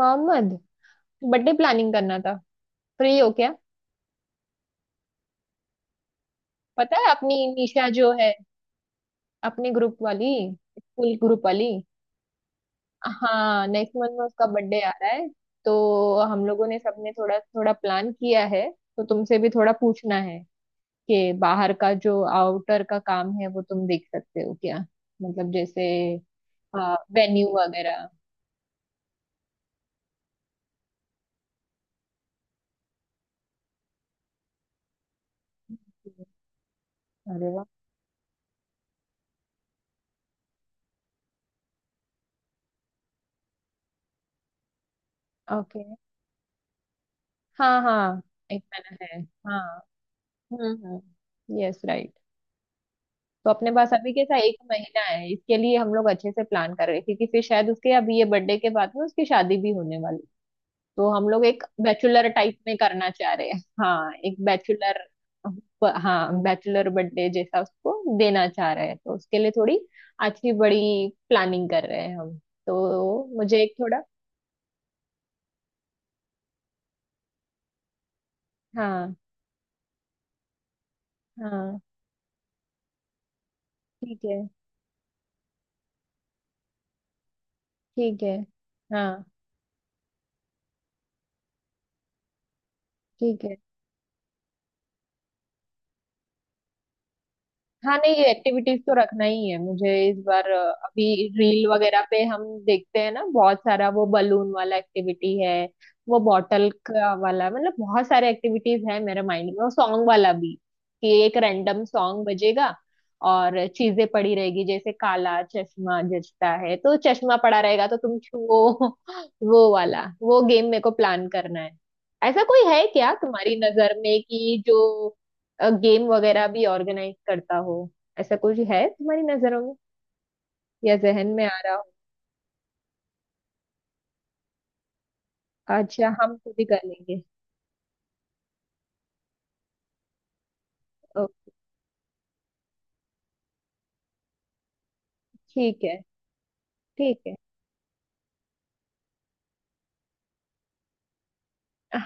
Mohammad, birthday planning करना था। Free हो क्या? पता है अपनी निशा जो है, अपने ग्रुप वाली, स्कूल ग्रुप वाली। हाँ, नेक्स्ट मंथ में उसका बर्थडे आ रहा है, तो हम लोगों ने सबने थोड़ा थोड़ा प्लान किया है। तो तुमसे भी थोड़ा पूछना है कि बाहर का जो आउटर का काम है वो तुम देख सकते हो क्या? मतलब जैसे वेन्यू वगैरह। अरे वाह। ओके। हाँ हाँ, एक मैंने है। हाँ। हम्म, यस राइट। तो अपने पास अभी कैसा एक महीना है, इसके लिए हम लोग अच्छे से प्लान कर रहे हैं, क्योंकि फिर शायद उसके अभी ये बर्थडे के बाद में उसकी शादी भी होने वाली। तो हम लोग एक बैचुलर टाइप में करना चाह रहे हैं। हाँ, एक बैचुलर। हाँ, बैचुलर बर्थडे जैसा उसको देना चाह रहे हैं, तो उसके लिए थोड़ी अच्छी बड़ी प्लानिंग कर रहे हैं हम। तो मुझे एक थोड़ा। हाँ हाँ। ठीक है, ठीक है। हाँ। ठीक है। हाँ नहीं, ये एक्टिविटीज तो रखना ही है मुझे इस बार। अभी रील वगैरह पे हम देखते हैं ना, बहुत सारा वो बलून वाला एक्टिविटी है, वो बॉटल का वाला, मतलब बहुत सारे एक्टिविटीज है मेरे माइंड में, और सॉन्ग वाला भी कि एक रैंडम सॉन्ग बजेगा और चीजें पड़ी रहेगी, जैसे काला चश्मा जचता है तो चश्मा पड़ा रहेगा तो तुम छुओ वो वाला वो गेम मेरे को प्लान करना है। ऐसा कोई है क्या तुम्हारी नजर में कि जो गेम वगैरह भी ऑर्गेनाइज करता हो? ऐसा कुछ है तुम्हारी नजरों में या जहन में आ रहा हो? अच्छा, हम खुद ही कर लेंगे। ओ, ठीक है, ठीक है।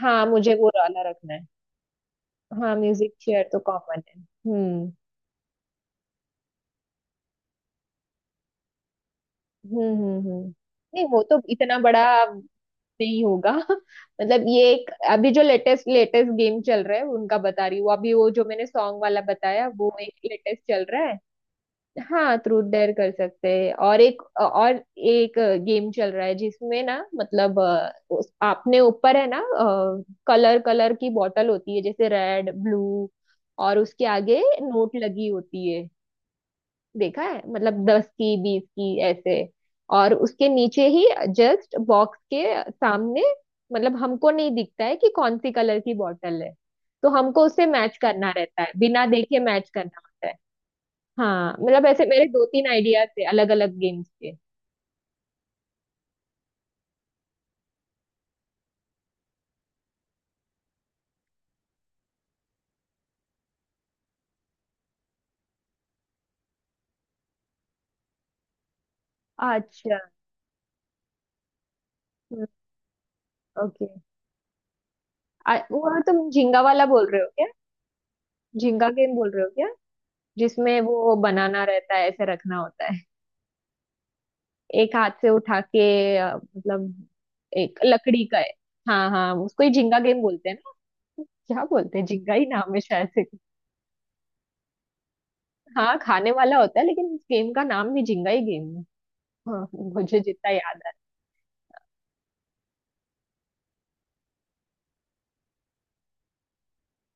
हाँ, मुझे वो वाला रखना है। हाँ, म्यूजिक चेयर तो कॉमन है। हम्म हम्म हम्म। नहीं, वो तो इतना बड़ा नहीं होगा मतलब ये एक अभी जो लेटेस्ट लेटेस्ट गेम चल रहा है उनका बता रही हूँ। अभी वो जो मैंने सॉन्ग वाला बताया वो एक लेटेस्ट चल रहा है। हाँ, ट्रूथ डेयर कर सकते हैं, और एक गेम चल रहा है जिसमें ना, मतलब आपने ऊपर है ना, कलर कलर की बॉटल होती है जैसे रेड ब्लू, और उसके आगे नोट लगी होती है, देखा है? मतलब दस की बीस की ऐसे। और उसके नीचे ही, जस्ट बॉक्स के सामने, मतलब हमको नहीं दिखता है कि कौन सी कलर की बॉटल है, तो हमको उसे मैच करना रहता है, बिना देखे मैच करना होता है। हाँ, मतलब ऐसे मेरे दो तीन आइडियाज थे अलग अलग गेम्स के। अच्छा। ओके। वो तुम झिंगा वाला बोल रहे हो क्या? झिंगा गेम बोल रहे हो क्या? जिसमें वो बनाना रहता है, ऐसे रखना होता है, एक हाथ से उठा के, मतलब एक लकड़ी का है। हाँ हाँ, उसको ही झिंगा गेम बोलते हैं ना? क्या बोलते हैं, झिंगा ही नाम है शायद से। हाँ, खाने वाला होता है, लेकिन इस गेम का नाम भी झिंगा ही गेम है। हाँ, मुझे जितना याद है।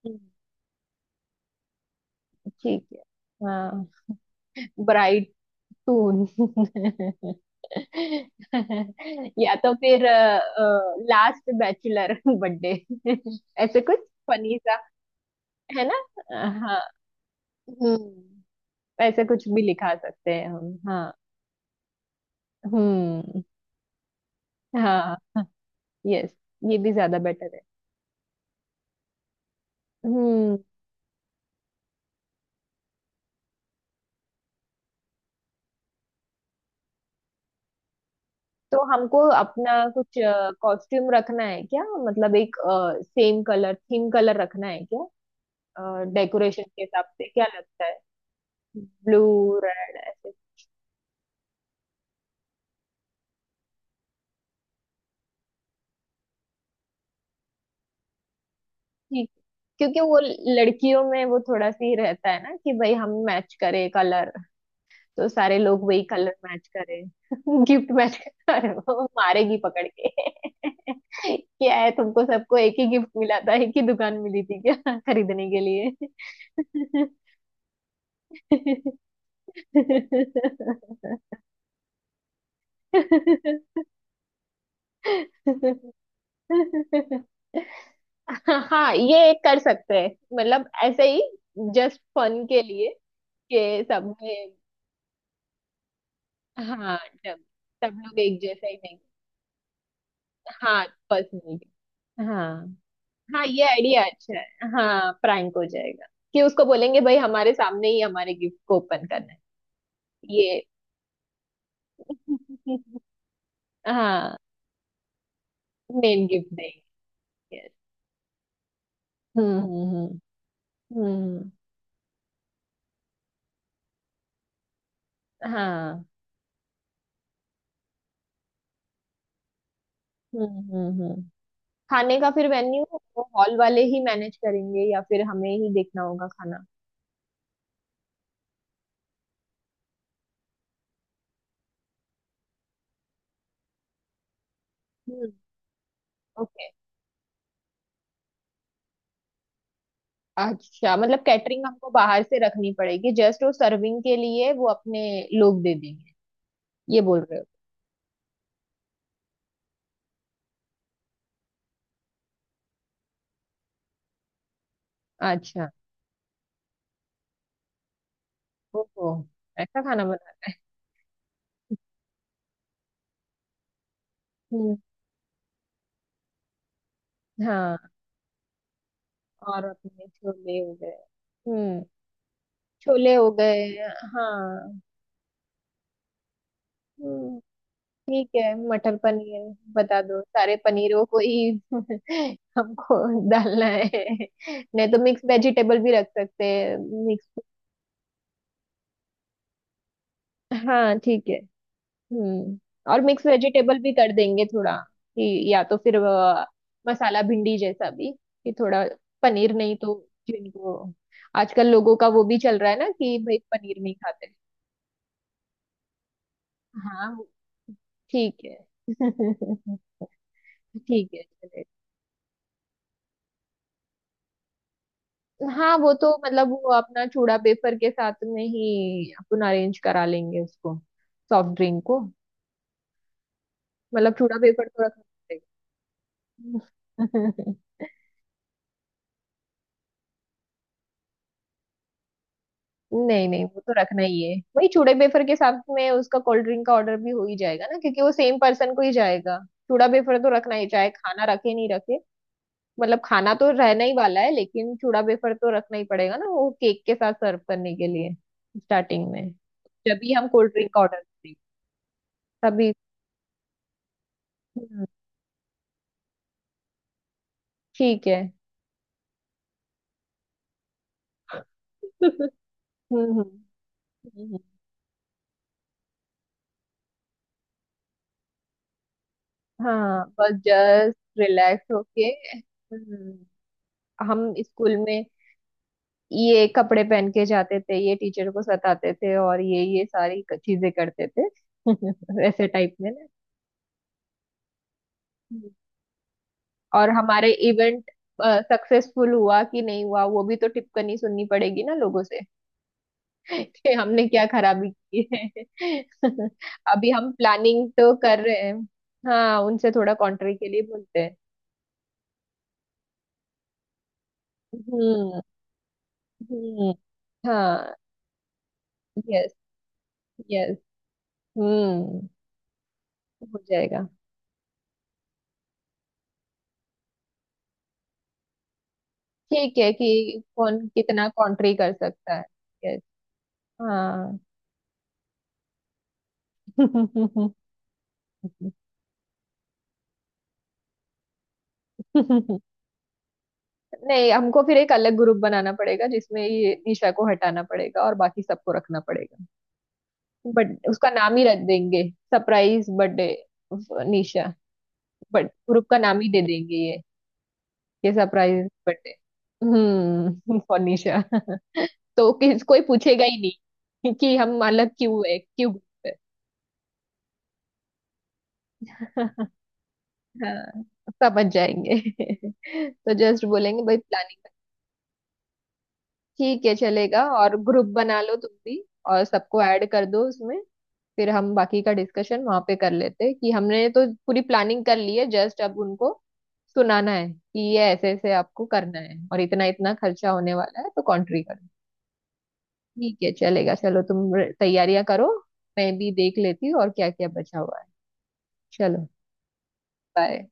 हम्म, ठीक है। हाँ। ब्राइड सून या तो फिर लास्ट बैचलर बर्थडे ऐसे कुछ फनी सा, है ना? हाँ। हम्म। ऐसे कुछ भी लिखा सकते हैं हम, हाँ। हम्म। हाँ। यस। ये भी ज्यादा बेटर है। हम्म। तो हमको अपना कुछ कॉस्ट्यूम रखना है क्या? मतलब एक सेम कलर थीम कलर रखना है क्या? डेकोरेशन के हिसाब से क्या लगता है? ब्लू। रेड। ठीक। क्योंकि वो लड़कियों में वो थोड़ा सी रहता है ना कि भाई हम मैच करें कलर, तो सारे लोग वही कलर मैच करें। गिफ्ट मैच कर, अरे वो मारेगी पकड़ के। क्या है तुमको, सबको एक ही गिफ्ट मिला था, एक ही दुकान मिली थी क्या खरीदने के लिए? हाँ, ये एक कर सकते हैं, मतलब ऐसे ही, जस्ट फन के लिए कि सब में। हाँ सब, सब लोग एक जैसा ही नहीं। हाँ पर्सनल। हाँ। हाँ, ये आइडिया अच्छा है। हाँ, प्रैंक हो जाएगा कि उसको बोलेंगे भाई हमारे सामने ही हमारे गिफ्ट को ओपन करना है। ये हाँ, मेन गिफ्ट देंगे। Yes. हम्म। हम्म हम्म, हाँ। हम्म हम्म। हम्म। खाने का फिर वेन्यू, वो हॉल वाले ही मैनेज करेंगे या फिर हमें ही देखना होगा खाना? हम्म। अच्छा, मतलब कैटरिंग हमको बाहर से रखनी पड़ेगी, जस्ट वो सर्विंग के लिए वो अपने लोग दे देंगे? ये बोल रहे हो? अच्छा। ओहो। ऐसा खाना बना। हम्म। हाँ, और अपने छोले हो गए। हम्म। छोले हो गए। हाँ। हम्म, ठीक है, मटर पनीर। बता दो सारे पनीरों को ही हमको डालना है। नहीं तो मिक्स वेजिटेबल भी रख सकते हैं, मिक्स। हाँ ठीक है। हम्म, और मिक्स वेजिटेबल भी कर देंगे थोड़ा कि, या तो फिर मसाला भिंडी जैसा भी कि थोड़ा पनीर नहीं तो जिनको, आजकल लोगों का वो भी चल रहा है ना कि भाई पनीर नहीं खाते। हाँ वो-, ठीक है। ठीक है, चलेगा। हाँ, वो तो मतलब वो अपना चूड़ा पेपर के साथ में ही अपन अरेंज करा लेंगे उसको, सॉफ्ट ड्रिंक को। मतलब चूड़ा पेपर तो रखना पड़ेगा। नहीं नहीं, वो तो रखना ही है। वही चूड़े बेफर के साथ में उसका कोल्ड ड्रिंक का ऑर्डर भी हो ही जाएगा ना, क्योंकि वो सेम पर्सन को ही जाएगा। चूड़ा बेफर तो रखना ही, चाहे खाना रखे नहीं रखे। मतलब खाना तो रहना ही वाला है, लेकिन चूड़ा बेफर तो रखना ही पड़ेगा ना, वो केक के साथ सर्व करने के लिए, स्टार्टिंग में, जब भी हम कोल्ड ड्रिंक का ऑर्डर करेंगे तभी। हम्म, ठीक है। हम्म हम्म। हम्म, हाँ बस, जस्ट रिलैक्स होके। हम्म, हम स्कूल में ये कपड़े पहन के जाते थे, ये टीचर को सताते थे, और ये सारी चीजें करते थे, वैसे टाइप में ना। हम्म। और हमारे इवेंट सक्सेसफुल हुआ कि नहीं हुआ, वो भी तो टिप्पणी सुननी पड़ेगी ना लोगों से कि हमने क्या खराबी की है। अभी हम प्लानिंग तो कर रहे हैं। हाँ, उनसे थोड़ा कॉन्ट्री के लिए बोलते हैं। हम्म हम्म। हाँ यस, यस। हम्म, हो जाएगा। ठीक है, कि कौन कितना कंट्री कर सकता है। यस। हाँ। नहीं, हमको फिर एक अलग ग्रुप बनाना पड़ेगा जिसमें ये निशा को हटाना पड़ेगा और बाकी सबको रखना पड़ेगा। बट उसका नाम ही रख देंगे, surprise birthday Nisha. But group का नाम ही दे देंगे ये सरप्राइज बर्थडे। हम्म, फॉर निशा। तो किस, कोई पूछेगा ही नहीं कि हम अलग क्यों है, क्यों group है। हाँ, समझ जाएंगे। तो जस्ट बोलेंगे भाई प्लानिंग, ठीक है चलेगा। और ग्रुप बना लो तुम भी, और सबको ऐड कर दो उसमें। फिर हम बाकी का डिस्कशन वहां पे कर लेते हैं कि हमने तो पूरी प्लानिंग कर ली है, जस्ट अब उनको सुनाना है कि ये ऐसे ऐसे आपको करना है और इतना इतना खर्चा होने वाला है तो कॉन्ट्री करो। ठीक है चलेगा, चलो तुम तैयारियां करो। मैं भी देख लेती हूँ और क्या क्या बचा हुआ है। चलो, बाय।